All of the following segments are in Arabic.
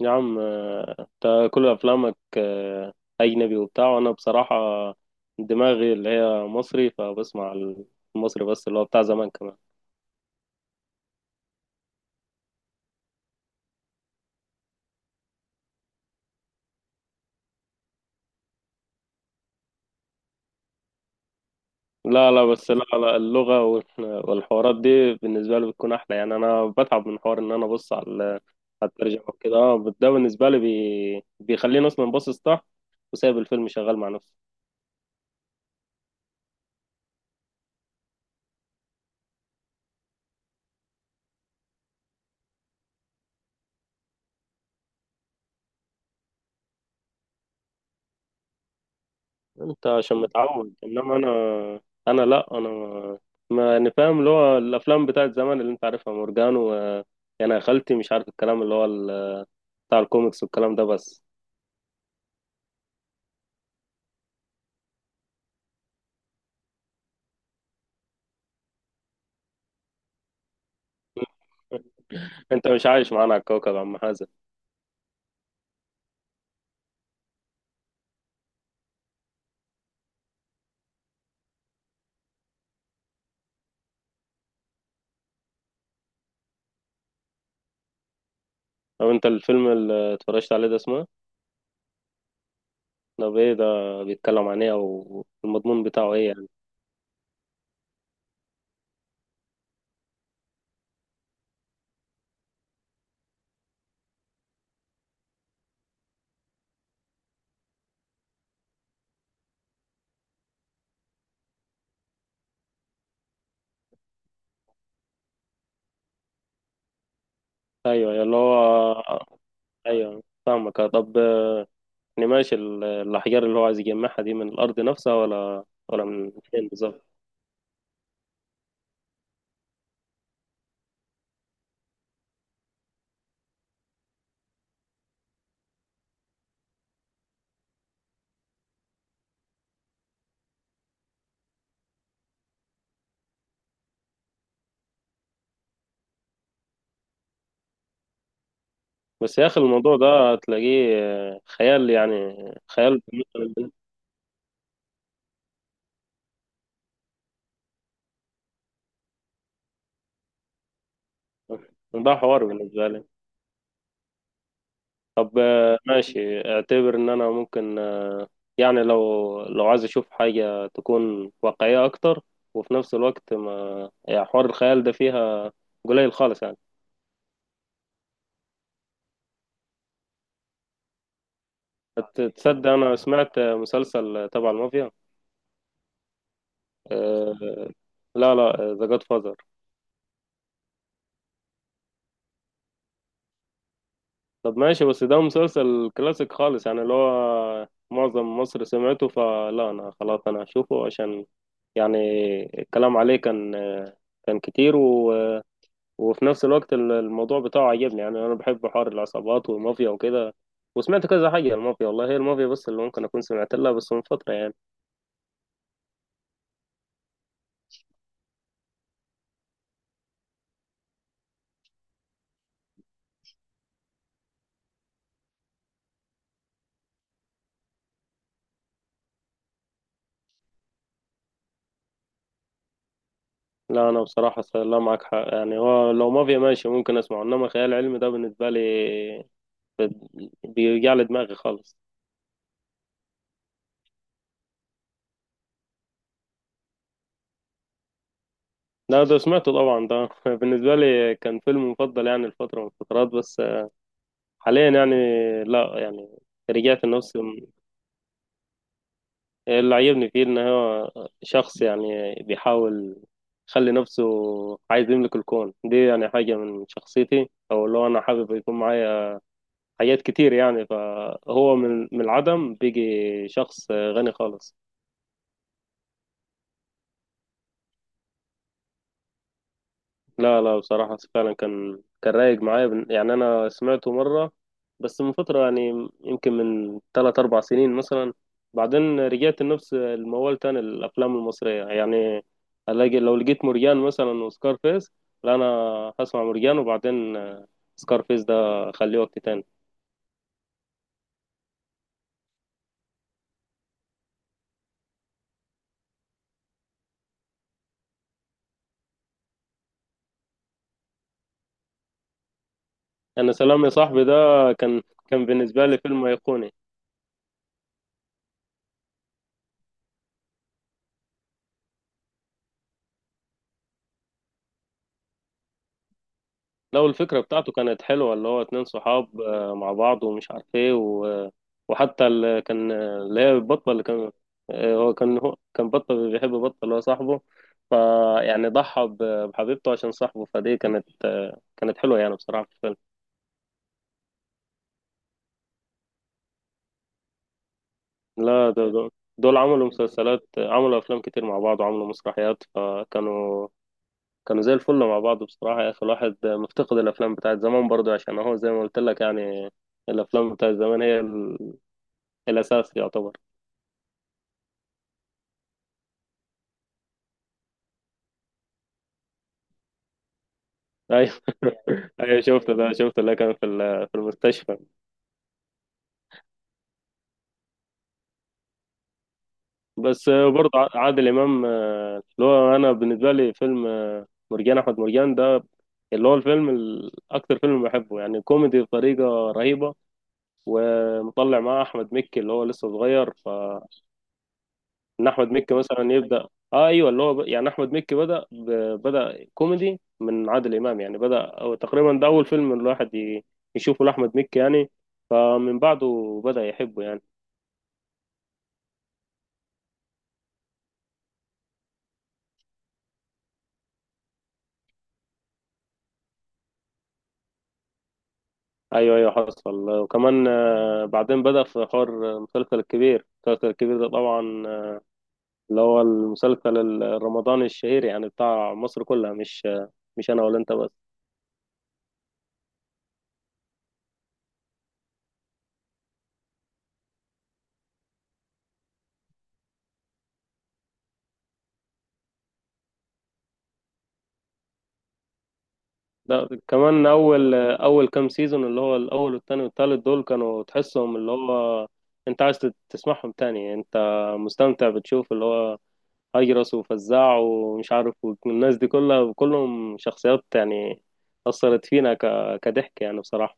يا عم انت كل افلامك اجنبي وبتاع، وانا بصراحه دماغي اللي هي مصري فبسمع المصري، بس اللي هو بتاع زمان كمان. لا لا، بس لا لا، اللغه والحوارات دي بالنسبه لي بتكون احلى، يعني انا بتعب من حوار ان انا ابص على الترجمه وكده. اه، ده بالنسبه لي بيخليني اصلا باصص تحت وسايب الفيلم شغال مع نفسه. انت عشان متعود، انما انا لا، انا يعني فاهم اللي هو الافلام بتاعت زمان اللي انت عارفها، مورجانو يعني. يا خالتي، مش عارف الكلام بتاع الكوميكس والكلام ده بس. انت مش عايش معانا على الكوكب يا عم حازم. طب انت الفيلم اللي اتفرجت عليه ده اسمه ده ايه ده؟ بيتكلم عن ايه، او المضمون بتاعه ايه يعني؟ ايوه اللي هو، ايوه فاهمك. طب يعني ماشي الاحجار اللي هو عايز يجمعها دي من الارض نفسها ولا، ولا من فين بالظبط؟ بس يا اخي، الموضوع ده هتلاقيه خيال، يعني خيال. ده حوار بالنسبة لي. طب ماشي، اعتبر ان انا ممكن يعني لو عايز اشوف حاجة تكون واقعية اكتر، وفي نفس الوقت ما يعني حوار الخيال ده فيها قليل خالص يعني. تصدق انا سمعت مسلسل تبع المافيا. آه، لا لا، ذا جاد. طب ماشي، بس ده مسلسل كلاسيك خالص، يعني اللي هو معظم مصر سمعته، فلا انا خلاص، انا هشوفه عشان يعني الكلام عليه كان كتير وفي نفس الوقت الموضوع بتاعه عجبني، يعني انا بحب حوار العصابات والمافيا وكده. وسمعت كذا حاجة المافيا، والله هي المافيا بس اللي ممكن أكون سمعت لها، بس من فترة يعني. لا أنا بصراحة لا، معك حق يعني. هو لو مافيا ماشي ممكن أسمعه، إنما خيال علمي ده بالنسبة لي بيوجع لي دماغي خالص. لا ده سمعته طبعا، ده بالنسبة لي كان فيلم مفضل، يعني الفترة من الفترات، بس حاليا يعني لا يعني. رجعت لنفسه. اللي عجبني فيه إن هو شخص، يعني بيحاول يخلي نفسه، عايز يملك الكون، دي يعني حاجة من شخصيتي، أو اللي هو أنا حابب يكون معايا حاجات كتير يعني. فهو من العدم بيجي شخص غني خالص. لا لا، بصراحة فعلا كان رايق معايا، يعني أنا سمعته مرة، بس من فترة يعني، يمكن من 3 4 سنين مثلا. بعدين رجعت لنفس الموال تاني الأفلام المصرية يعني. ألاقي لو لقيت مرجان مثلا وسكارفيس، لا أنا هسمع مرجان، وبعدين سكارفيس ده أخليه وقت تاني. أنا سلام يا صاحبي ده كان كان بالنسبة لي فيلم أيقوني. لو الفكرة بتاعته كانت حلوة، اللي هو اتنين صحاب مع بعض ومش عارف ايه وحتى اللي كان اللي هي البطة اللي كان، هو كان بطة بيحب بطة اللي هو صاحبه. فيعني ضحى بحبيبته عشان صاحبه، فدي كانت كانت حلوة يعني بصراحة في الفيلم. لا دول عملوا مسلسلات، عملوا أفلام كتير مع بعض، وعملوا مسرحيات، فكانوا زي الفل مع بعض بصراحة. يا أخي، الواحد مفتقد الأفلام بتاعت زمان برضو، عشان هو زي ما قلت لك يعني، الأفلام بتاعت زمان هي الأساس يعتبر. أيوة، أيوة شفت ده، شفت اللي كان في المستشفى. بس برضه عادل إمام، اللي هو أنا بالنسبة لي فيلم، مرجان أحمد مرجان ده اللي هو الفيلم أكتر فيلم بحبه، يعني كوميدي بطريقة رهيبة، ومطلع معاه أحمد مكي اللي هو لسه صغير. ان احمد مكي مثلا يبدا. اه ايوه اللي هو يعني احمد مكي بدا كوميدي من عادل امام، يعني بدا، أو تقريبا ده اول فيلم الواحد يشوفه لاحمد مكي يعني، فمن بعده بدا يحبه يعني. ايوه ايوه حصل. وكمان بعدين بدا في حوار المسلسل الكبير، المسلسل الكبير ده طبعا اللي هو المسلسل الرمضاني الشهير، يعني بتاع مصر كلها، مش مش انا ولا انت بس. لا، كمان اول كام سيزون اللي هو الاول والتاني والتالت، دول كانوا تحسهم اللي هو انت عايز تسمعهم تاني، انت مستمتع بتشوف اللي هو هجرس وفزاع ومش عارف، والناس دي كلها، كلهم شخصيات يعني اثرت فينا كضحك يعني بصراحة.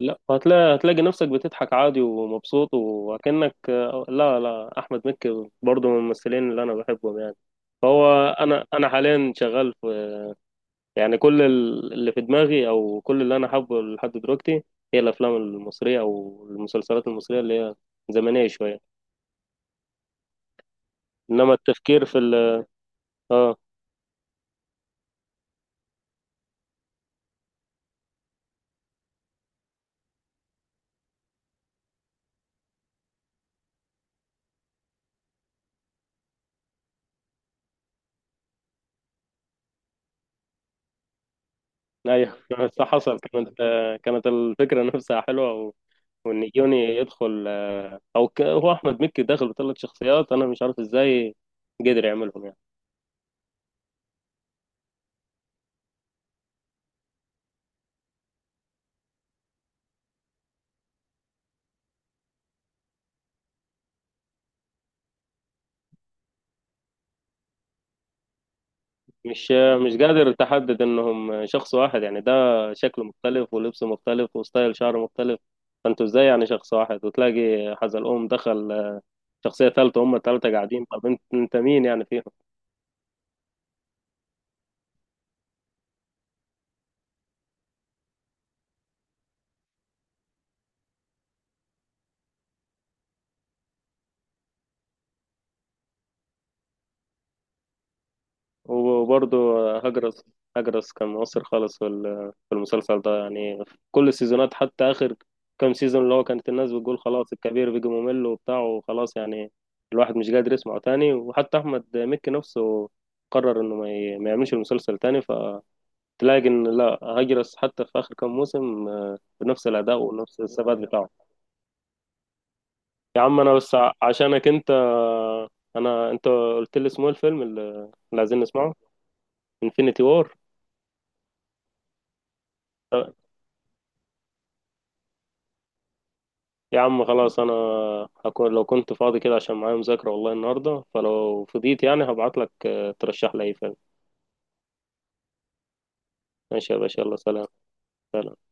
لا هتلاقي، نفسك بتضحك عادي ومبسوط وكأنك. لا لا، احمد مكي برضه من الممثلين اللي انا بحبهم يعني. فهو انا حاليا شغال، يعني كل اللي في دماغي، او كل اللي انا حابه لحد دلوقتي هي الافلام المصريه او المسلسلات المصريه اللي هي زمنيه شويه، انما التفكير في ال، اه، ايوه. صح حصل. كانت الفكره نفسها حلوه وان يوني يدخل، هو احمد مكي داخل بثلاث شخصيات، انا مش عارف ازاي قدر يعملهم يعني. مش مش قادر تحدد انهم شخص واحد يعني، ده شكله مختلف ولبسه مختلف وستايل شعره مختلف، فانتوا ازاي يعني شخص واحد، وتلاقي حزلقوم دخل، شخصية ثالثة، هم ثلاثة قاعدين، طب انت مين يعني فيهم؟ وبرضه هجرس، كان مؤثر خالص في المسلسل ده، يعني في كل السيزونات حتى آخر كام سيزون اللي هو كانت الناس بتقول خلاص الكبير بيجي ممل وبتاع، وخلاص يعني الواحد مش قادر يسمعه تاني، وحتى أحمد مكي نفسه قرر إنه ما يعملش المسلسل تاني، فتلاقي إن لا، هجرس حتى في آخر كام موسم بنفس الأداء ونفس الثبات بتاعه. يا عم انا بس عشانك انت، انا انت قلت لي اسمه إيه الفيلم اللي، اللي عايزين نسمعه، انفينيتي وور. يا عم خلاص، انا هكون لو كنت فاضي كده عشان معايا مذاكرة والله النهاردة، فلو فضيت يعني هبعت لك ترشح لي اي فيلم. ماشي يا باشا، يلا سلام. سلام.